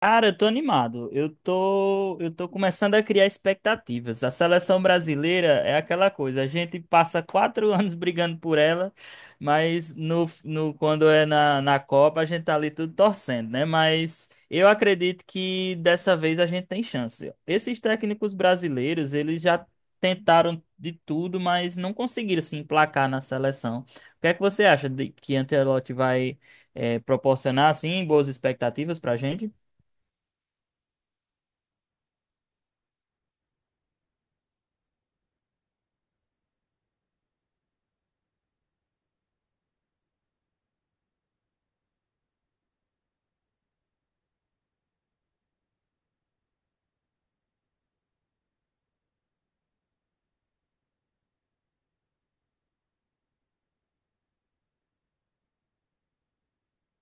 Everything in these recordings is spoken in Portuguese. Cara, eu tô animado. Eu tô começando a criar expectativas. A seleção brasileira é aquela coisa. A gente passa quatro anos brigando por ela, mas no, no quando é na Copa a gente tá ali tudo torcendo, né? Mas eu acredito que dessa vez a gente tem chance. Esses técnicos brasileiros, eles já tentaram de tudo, mas não conseguiram se emplacar na seleção. O que é que você acha de que Ancelotti vai proporcionar assim boas expectativas pra gente?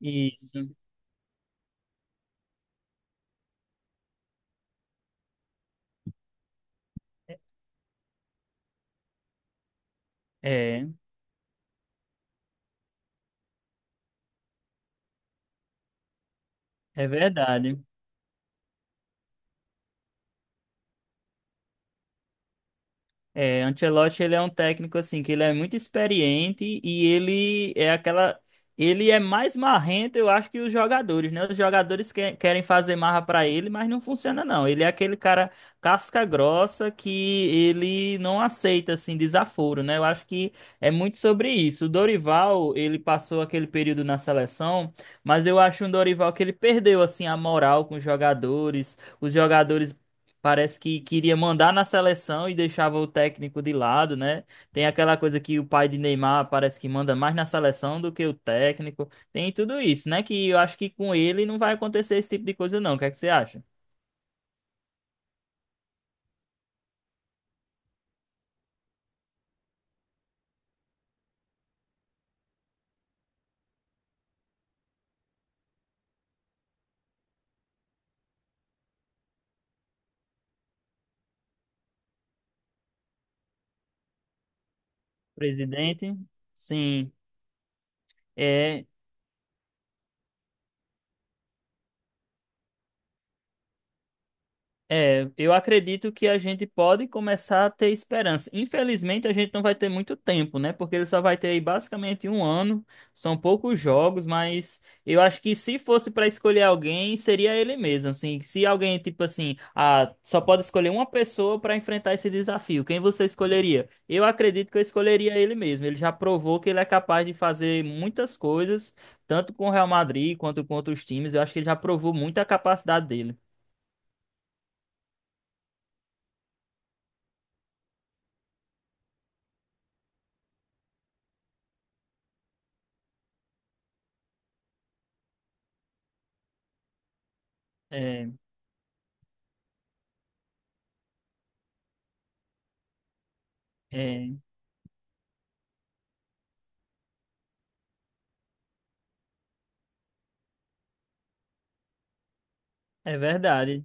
Isso. É, é verdade. É, Ancelotti ele é um técnico assim que ele é muito experiente e ele é aquela, ele é mais marrento, eu acho que os jogadores, né? Os jogadores querem fazer marra pra ele, mas não funciona não. Ele é aquele cara casca grossa que ele não aceita assim desaforo, né? Eu acho que é muito sobre isso. O Dorival, ele passou aquele período na seleção, mas eu acho um Dorival que ele perdeu assim a moral com os jogadores. Os jogadores parece que queria mandar na seleção e deixava o técnico de lado, né? Tem aquela coisa que o pai de Neymar parece que manda mais na seleção do que o técnico. Tem tudo isso, né? Que eu acho que com ele não vai acontecer esse tipo de coisa, não. O que é que você acha? Presidente? Sim. É, É, eu acredito que a gente pode começar a ter esperança. Infelizmente, a gente não vai ter muito tempo, né? Porque ele só vai ter aí basicamente um ano. São poucos jogos, mas eu acho que se fosse para escolher alguém, seria ele mesmo. Assim, se alguém, tipo assim, ah, só pode escolher uma pessoa para enfrentar esse desafio, quem você escolheria? Eu acredito que eu escolheria ele mesmo. Ele já provou que ele é capaz de fazer muitas coisas, tanto com o Real Madrid quanto com outros times. Eu acho que ele já provou muito a capacidade dele. É, é. É verdade,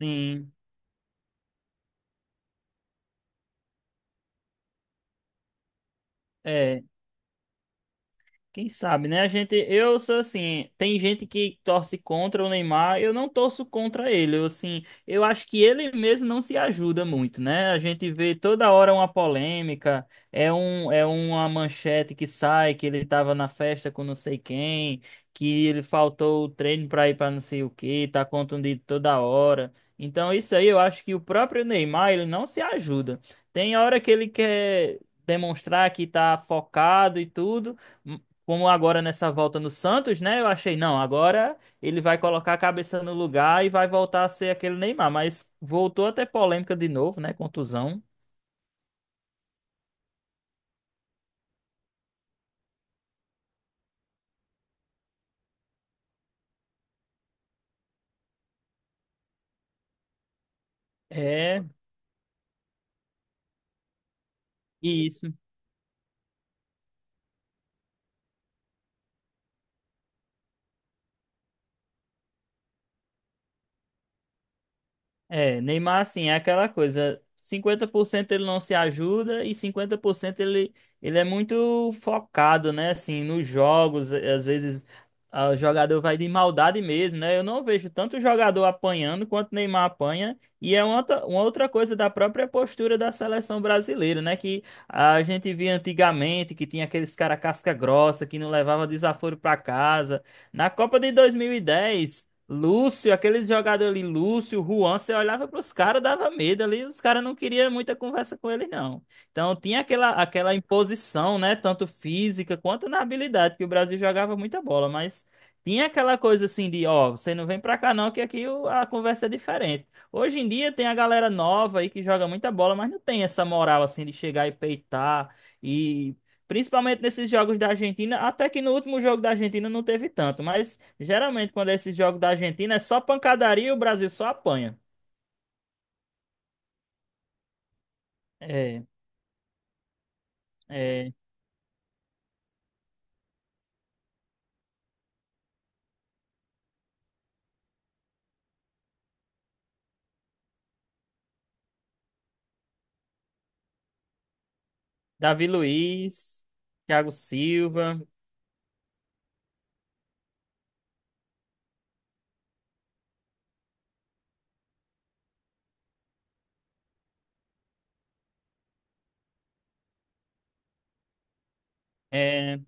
sim. É, quem sabe, né? A gente, eu sou assim, tem gente que torce contra o Neymar, eu não torço contra ele. Eu assim, eu acho que ele mesmo não se ajuda muito, né? A gente vê toda hora uma polêmica, é um é uma manchete que sai que ele tava na festa com não sei quem, que ele faltou o treino para ir para não sei o que tá contundido toda hora. Então isso aí eu acho que o próprio Neymar, ele não se ajuda. Tem hora que ele quer demonstrar que tá focado e tudo, como agora nessa volta no Santos, né? Eu achei, não, agora ele vai colocar a cabeça no lugar e vai voltar a ser aquele Neymar. Mas voltou até polêmica de novo, né? Contusão. É, isso. É, Neymar, assim, é aquela coisa, 50% ele não se ajuda e 50% ele, ele é muito focado, né, assim, nos jogos, é, às vezes ah, o jogador vai de maldade mesmo, né, eu não vejo tanto jogador apanhando quanto Neymar apanha, e é uma outra coisa da própria postura da seleção brasileira, né, que a gente via antigamente, que tinha aqueles cara casca grossa, que não levava desaforo pra casa, na Copa de 2010. Lúcio, aqueles jogadores ali, Lúcio, Juan, você olhava para os caras, dava medo ali, os caras não queriam muita conversa com ele, não. Então tinha aquela imposição, né? Tanto física quanto na habilidade, que o Brasil jogava muita bola, mas tinha aquela coisa assim de, ó, você não vem para cá não, que aqui a conversa é diferente. Hoje em dia tem a galera nova aí que joga muita bola, mas não tem essa moral assim de chegar e peitar e principalmente nesses jogos da Argentina, até que no último jogo da Argentina não teve tanto, mas geralmente quando é esses jogos da Argentina é só pancadaria e o Brasil só apanha. É, é, Davi Luiz, Thiago Silva, é,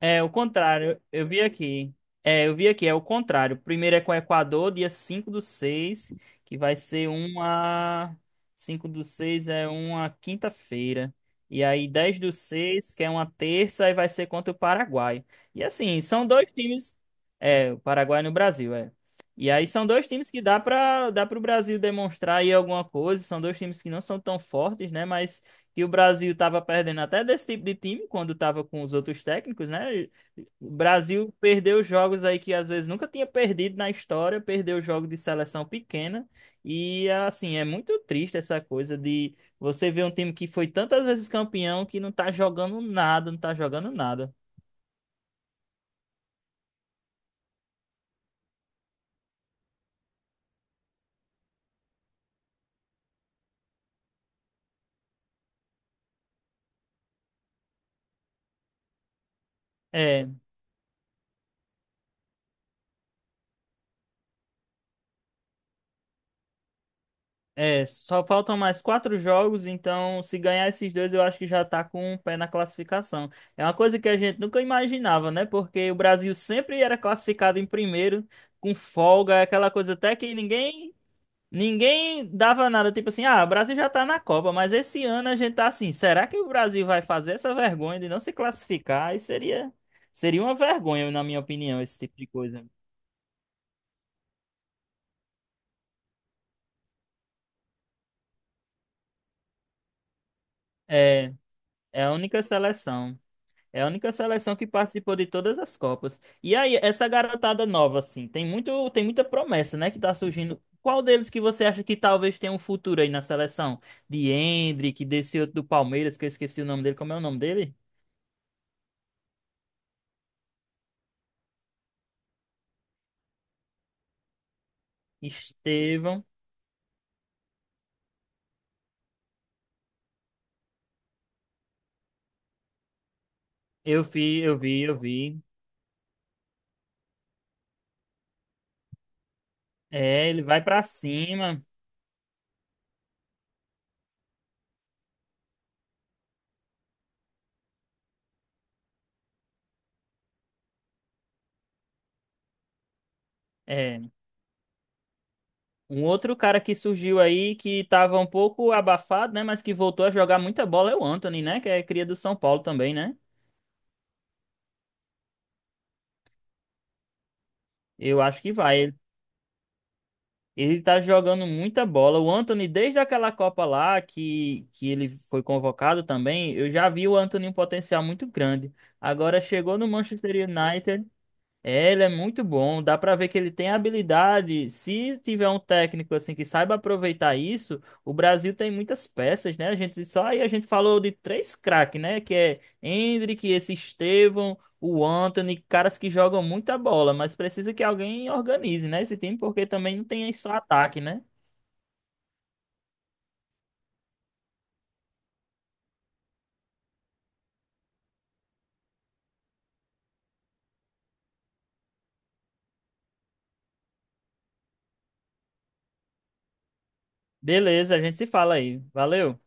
é o contrário, eu vi aqui. É, eu vi aqui, é o contrário. Primeiro é com o Equador, dia 5 do 6, que vai ser uma. 5 do 6 é uma quinta-feira. E aí 10 do 6, que é uma terça, e vai ser contra o Paraguai. E assim, são dois times. É, o Paraguai no Brasil, é. E aí são dois times que dá para dá para o Brasil demonstrar aí alguma coisa. São dois times que não são tão fortes, né? Mas que o Brasil estava perdendo até desse tipo de time quando estava com os outros técnicos, né? O Brasil perdeu jogos aí que às vezes nunca tinha perdido na história, perdeu jogo de seleção pequena e assim, é muito triste essa coisa de você ver um time que foi tantas vezes campeão que não tá jogando nada, não tá jogando nada. É. É, só faltam mais quatro jogos, então se ganhar esses dois, eu acho que já tá com um pé na classificação. É uma coisa que a gente nunca imaginava, né? Porque o Brasil sempre era classificado em primeiro, com folga, aquela coisa até que ninguém, ninguém dava nada. Tipo assim, ah, o Brasil já tá na Copa, mas esse ano a gente tá assim, será que o Brasil vai fazer essa vergonha de não se classificar? Aí seria, seria uma vergonha, na minha opinião, esse tipo de coisa. É, é a única seleção. É a única seleção que participou de todas as Copas. E aí, essa garotada nova, assim, tem muito, tem muita promessa, né, que tá surgindo. Qual deles que você acha que talvez tenha um futuro aí na seleção? De Endrick, desse outro do Palmeiras, que eu esqueci o nome dele. Como é o nome dele? Estevão. Eu vi, eu vi, eu vi. É, ele vai pra cima. É. Um outro cara que surgiu aí, que tava um pouco abafado, né, mas que voltou a jogar muita bola é o Anthony, né, que é cria do São Paulo também, né? Eu acho que vai. Ele tá jogando muita bola. O Anthony, desde aquela Copa lá que ele foi convocado também, eu já vi o Anthony um potencial muito grande. Agora chegou no Manchester United, é, ele é muito bom. Dá pra ver que ele tem habilidade. Se tiver um técnico assim que saiba aproveitar isso, o Brasil tem muitas peças, né? A gente só aí a gente falou de três craques, né? Que é Endrick, esse Estevão, o Antony, caras que jogam muita bola, mas precisa que alguém organize, né? Esse time porque também não tem só ataque, né? Beleza, a gente se fala aí. Valeu.